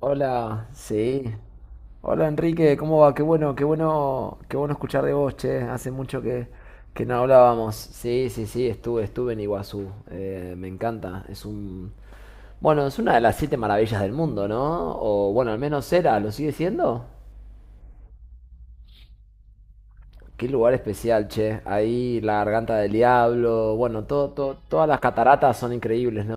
Hola, sí. Hola Enrique, ¿cómo va? Qué bueno escuchar de vos, che. Hace mucho que no hablábamos. Sí, sí, sí, estuve en Iguazú. Me encanta. Bueno, es una de las siete maravillas del mundo, ¿no? O bueno, al menos era, ¿lo sigue siendo? Qué lugar especial, che. Ahí la garganta del diablo, bueno, todas las cataratas son increíbles, ¿no?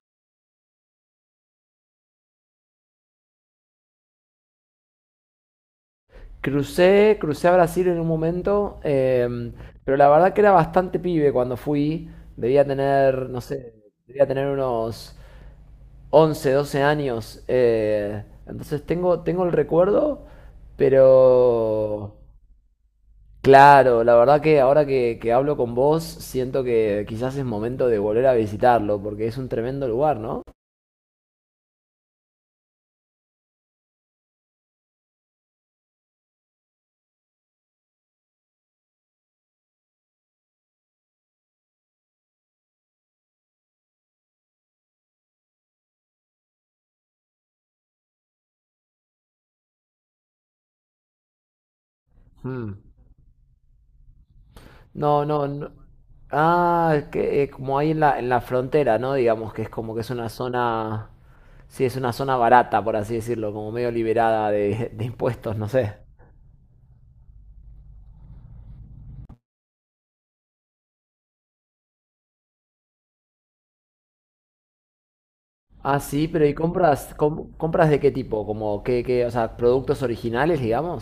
Crucé a Brasil en un momento, pero la verdad que era bastante pibe cuando fui. Debía tener, no sé, debía tener unos 11, 12 años. Entonces tengo el recuerdo, pero claro, la verdad que ahora que hablo con vos, siento que quizás es momento de volver a visitarlo, porque es un tremendo lugar, ¿no? Mm. No, no, no. Ah, el que como ahí en la frontera, ¿no? Digamos que es como que es una zona, sí, es una zona barata, por así decirlo, como medio liberada de, de impuestos, no sé. Ah, sí, pero ¿y compras de qué tipo? Como qué, o sea, productos originales, digamos.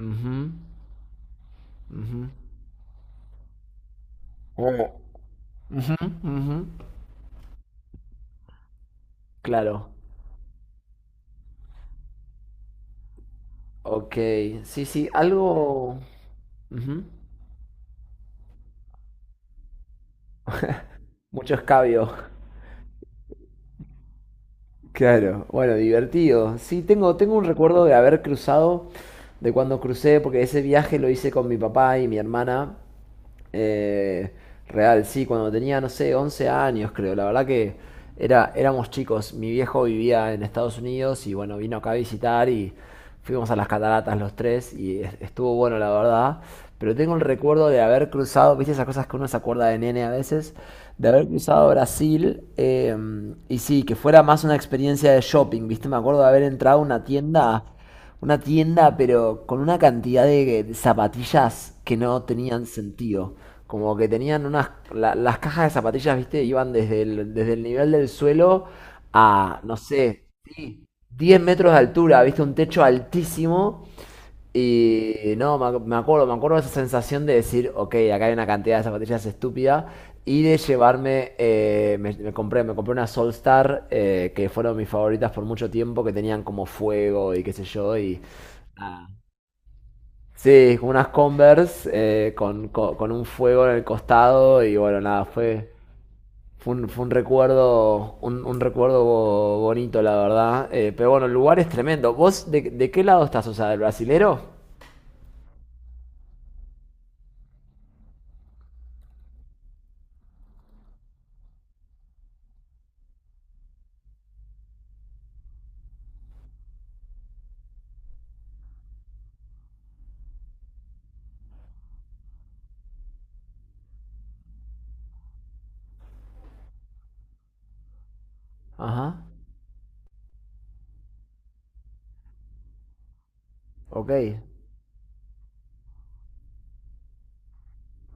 Ujú, ujú, ujú, ujú. Claro. Ok, sí, sí, algo... ujú. Mucho escabio. Claro, bueno, divertido. Sí, tengo un recuerdo de haber cruzado, de cuando crucé, porque ese viaje lo hice con mi papá y mi hermana. Eh, real, sí, cuando tenía, no sé, 11 años creo. La verdad que era, éramos chicos. Mi viejo vivía en Estados Unidos y bueno, vino acá a visitar y fuimos a las cataratas los tres y estuvo bueno, la verdad. Pero tengo el recuerdo de haber cruzado, viste esas cosas que uno se acuerda de nene a veces, de haber cruzado Brasil y sí, que fuera más una experiencia de shopping, viste, me acuerdo de haber entrado a una tienda, pero con una cantidad de zapatillas que no tenían sentido. Como que tenían unas... las cajas de zapatillas, viste, iban desde el nivel del suelo a, no sé, 10 metros de altura, viste, un techo altísimo y no, me acuerdo de esa sensación de decir, ok, acá hay una cantidad de zapatillas estúpida, y de llevarme, me compré una Solstar, que fueron mis favoritas por mucho tiempo, que tenían como fuego y qué sé yo, y nada. Sí, como unas Converse, con un fuego en el costado, y bueno, nada, fue un recuerdo, un recuerdo bonito, la verdad. Pero bueno, el lugar es tremendo. ¿Vos de qué lado estás? O sea, ¿del brasilero? Ajá. Ok.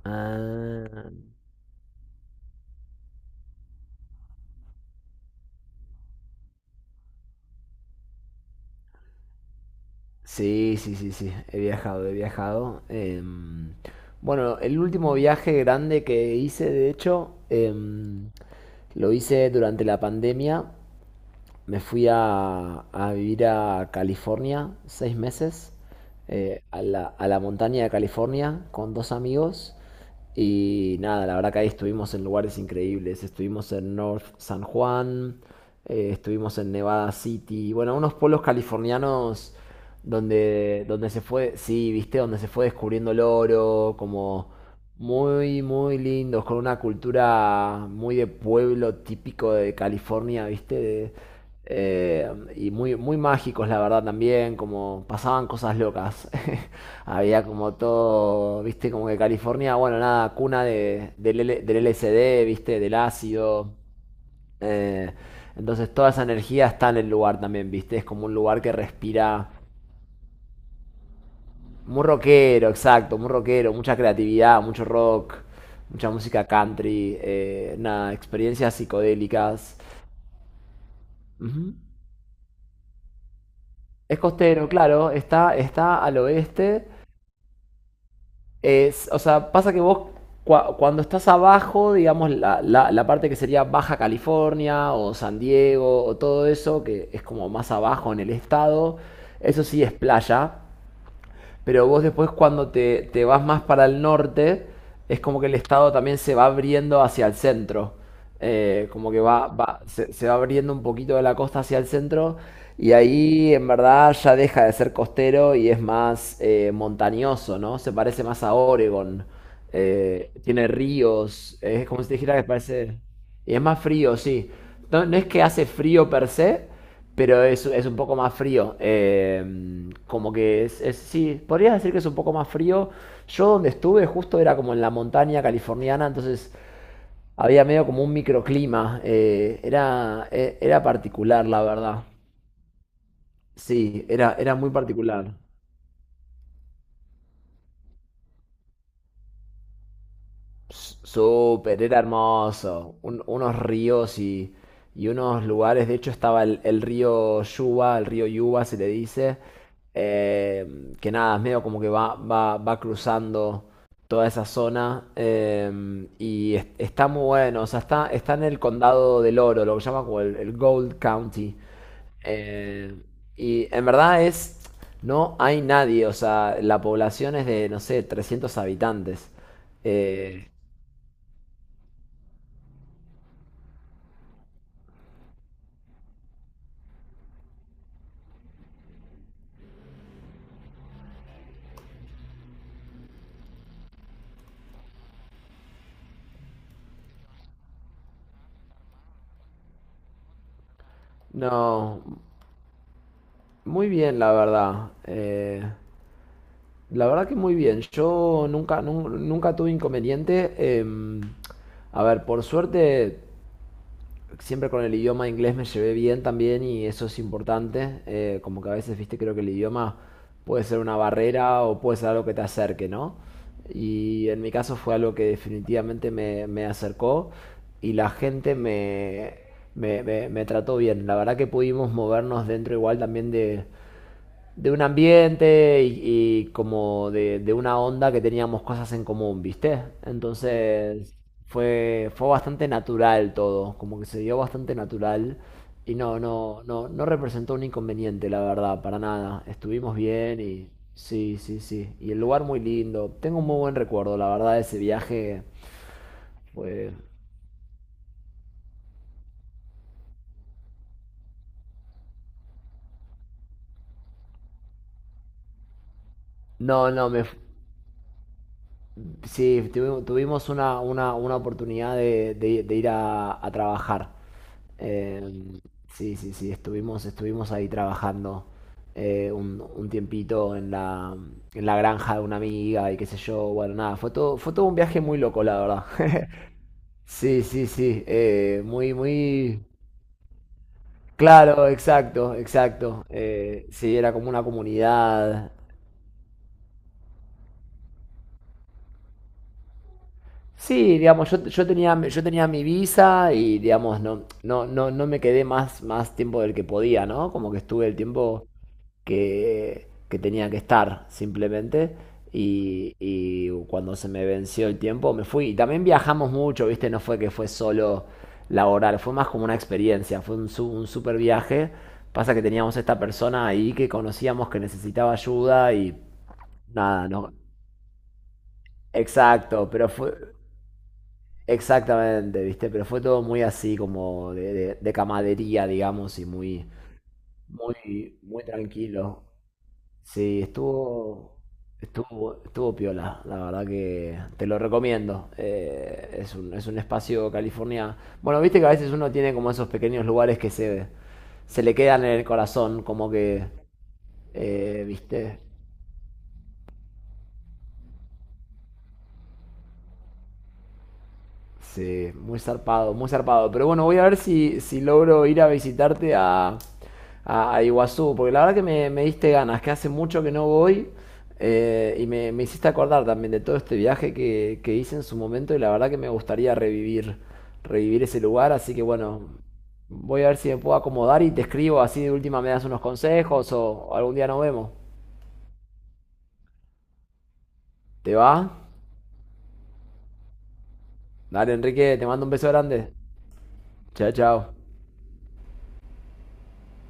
Ah, sí, sí, sí, sí. He viajado. Bueno, el último viaje grande que hice, de hecho, lo hice durante la pandemia. Me fui a vivir a California 6 meses, a la montaña de California con dos amigos. Y nada, la verdad que ahí estuvimos en lugares increíbles. Estuvimos en North San Juan, estuvimos en Nevada City, bueno, unos pueblos californianos donde se fue, sí, viste, donde se fue descubriendo el oro, como muy, muy lindos, con una cultura muy de pueblo típico de California, viste, de, eh, y muy, muy mágicos, la verdad, también, como pasaban cosas locas. Había como todo, viste, como que California, bueno, nada, cuna de, del LSD, viste, del ácido. Eh, entonces toda esa energía está en el lugar también, viste, es como un lugar que respira muy rockero, exacto, muy rockero, mucha creatividad, mucho rock, mucha música country, nada, experiencias psicodélicas. Ujú. Es costero, claro, está al oeste. Es, o sea, pasa que vos cuando estás abajo, digamos, la parte que sería Baja California o San Diego o todo eso, que es como más abajo en el estado, eso sí es playa, pero vos después cuando te vas más para el norte, es como que el estado también se va abriendo hacia el centro. Como que se va abriendo un poquito de la costa hacia el centro y ahí en verdad ya deja de ser costero y es más montañoso, ¿no? Se parece más a Oregon. Tiene ríos, es como si te dijera que parece... Y es más frío, sí. No, no es que hace frío per se, pero es un poco más frío. Como que es- Sí, podrías decir que es un poco más frío. Yo donde estuve justo era como en la montaña californiana, entonces había medio como un microclima. Era particular, la verdad. Sí, era muy particular. Súper, era hermoso. Unos ríos y unos lugares. De hecho, estaba el río Yuba se le dice. Que nada, es medio como que va cruzando toda esa zona. Está muy bueno. O sea, está en el condado del Oro, lo que llama como el Gold County. Eh, y en verdad es. No hay nadie. O sea, la población es de, no sé, 300 habitantes. Eh, No, muy bien, la verdad. La verdad que muy bien. Yo nunca tuve inconveniente. A ver, por suerte, siempre con el idioma inglés me llevé bien también y eso es importante. Como que a veces, viste, creo que el idioma puede ser una barrera o puede ser algo que te acerque, ¿no? Y en mi caso fue algo que definitivamente me acercó y la gente me trató bien. La verdad que pudimos movernos dentro igual también de un ambiente y como de una onda que teníamos cosas en común, ¿viste? Entonces fue bastante natural todo, como que se dio bastante natural y no, no, no, no representó un inconveniente, la verdad, para nada. Estuvimos bien y sí, sí, sí. Y el lugar muy lindo. Tengo un muy buen recuerdo, la verdad, de ese viaje. Fue... No, no, sí, tuvimos una oportunidad de, de ir a trabajar. Em, sí, sí, sí, estuvimos ahí trabajando un tiempito en la granja de una amiga y qué sé yo, bueno, nada, fue todo un viaje muy loco, la verdad. Sí, sí, sí, muy, muy... Claro, exacto, exacto. Sí, era como una comunidad. Sí, digamos, yo tenía mi visa y, digamos, no, no, no, no me quedé más tiempo del que podía, ¿no? Como que estuve el tiempo... que tenía que estar simplemente. Y cuando se me venció el tiempo me fui. Y también viajamos mucho, ¿viste? No fue que fue solo laboral, fue más como una experiencia, fue un super viaje. Pasa que teníamos esta persona ahí que conocíamos que necesitaba ayuda y nada, no. Exacto, pero fue... Exactamente, ¿viste? Pero fue todo muy así, como de, de camadería, digamos, y muy, muy, muy tranquilo. Sí, estuvo piola, la verdad que te lo recomiendo. Es un espacio California. Bueno, viste que a veces uno tiene como esos pequeños lugares que se le quedan en el corazón, como que, viste, Sí, muy zarpado, muy zarpado. Pero bueno, voy a ver si logro ir a visitarte a Iguazú, porque la verdad que me diste ganas, que hace mucho que no voy me hiciste acordar también de todo este viaje que hice en su momento y la verdad que me gustaría revivir ese lugar, así que bueno, voy a ver si me puedo acomodar y te escribo así de última me das unos consejos o algún día nos vemos. ¿Te va? Dale, Enrique, te mando un beso grande. Chao, chao.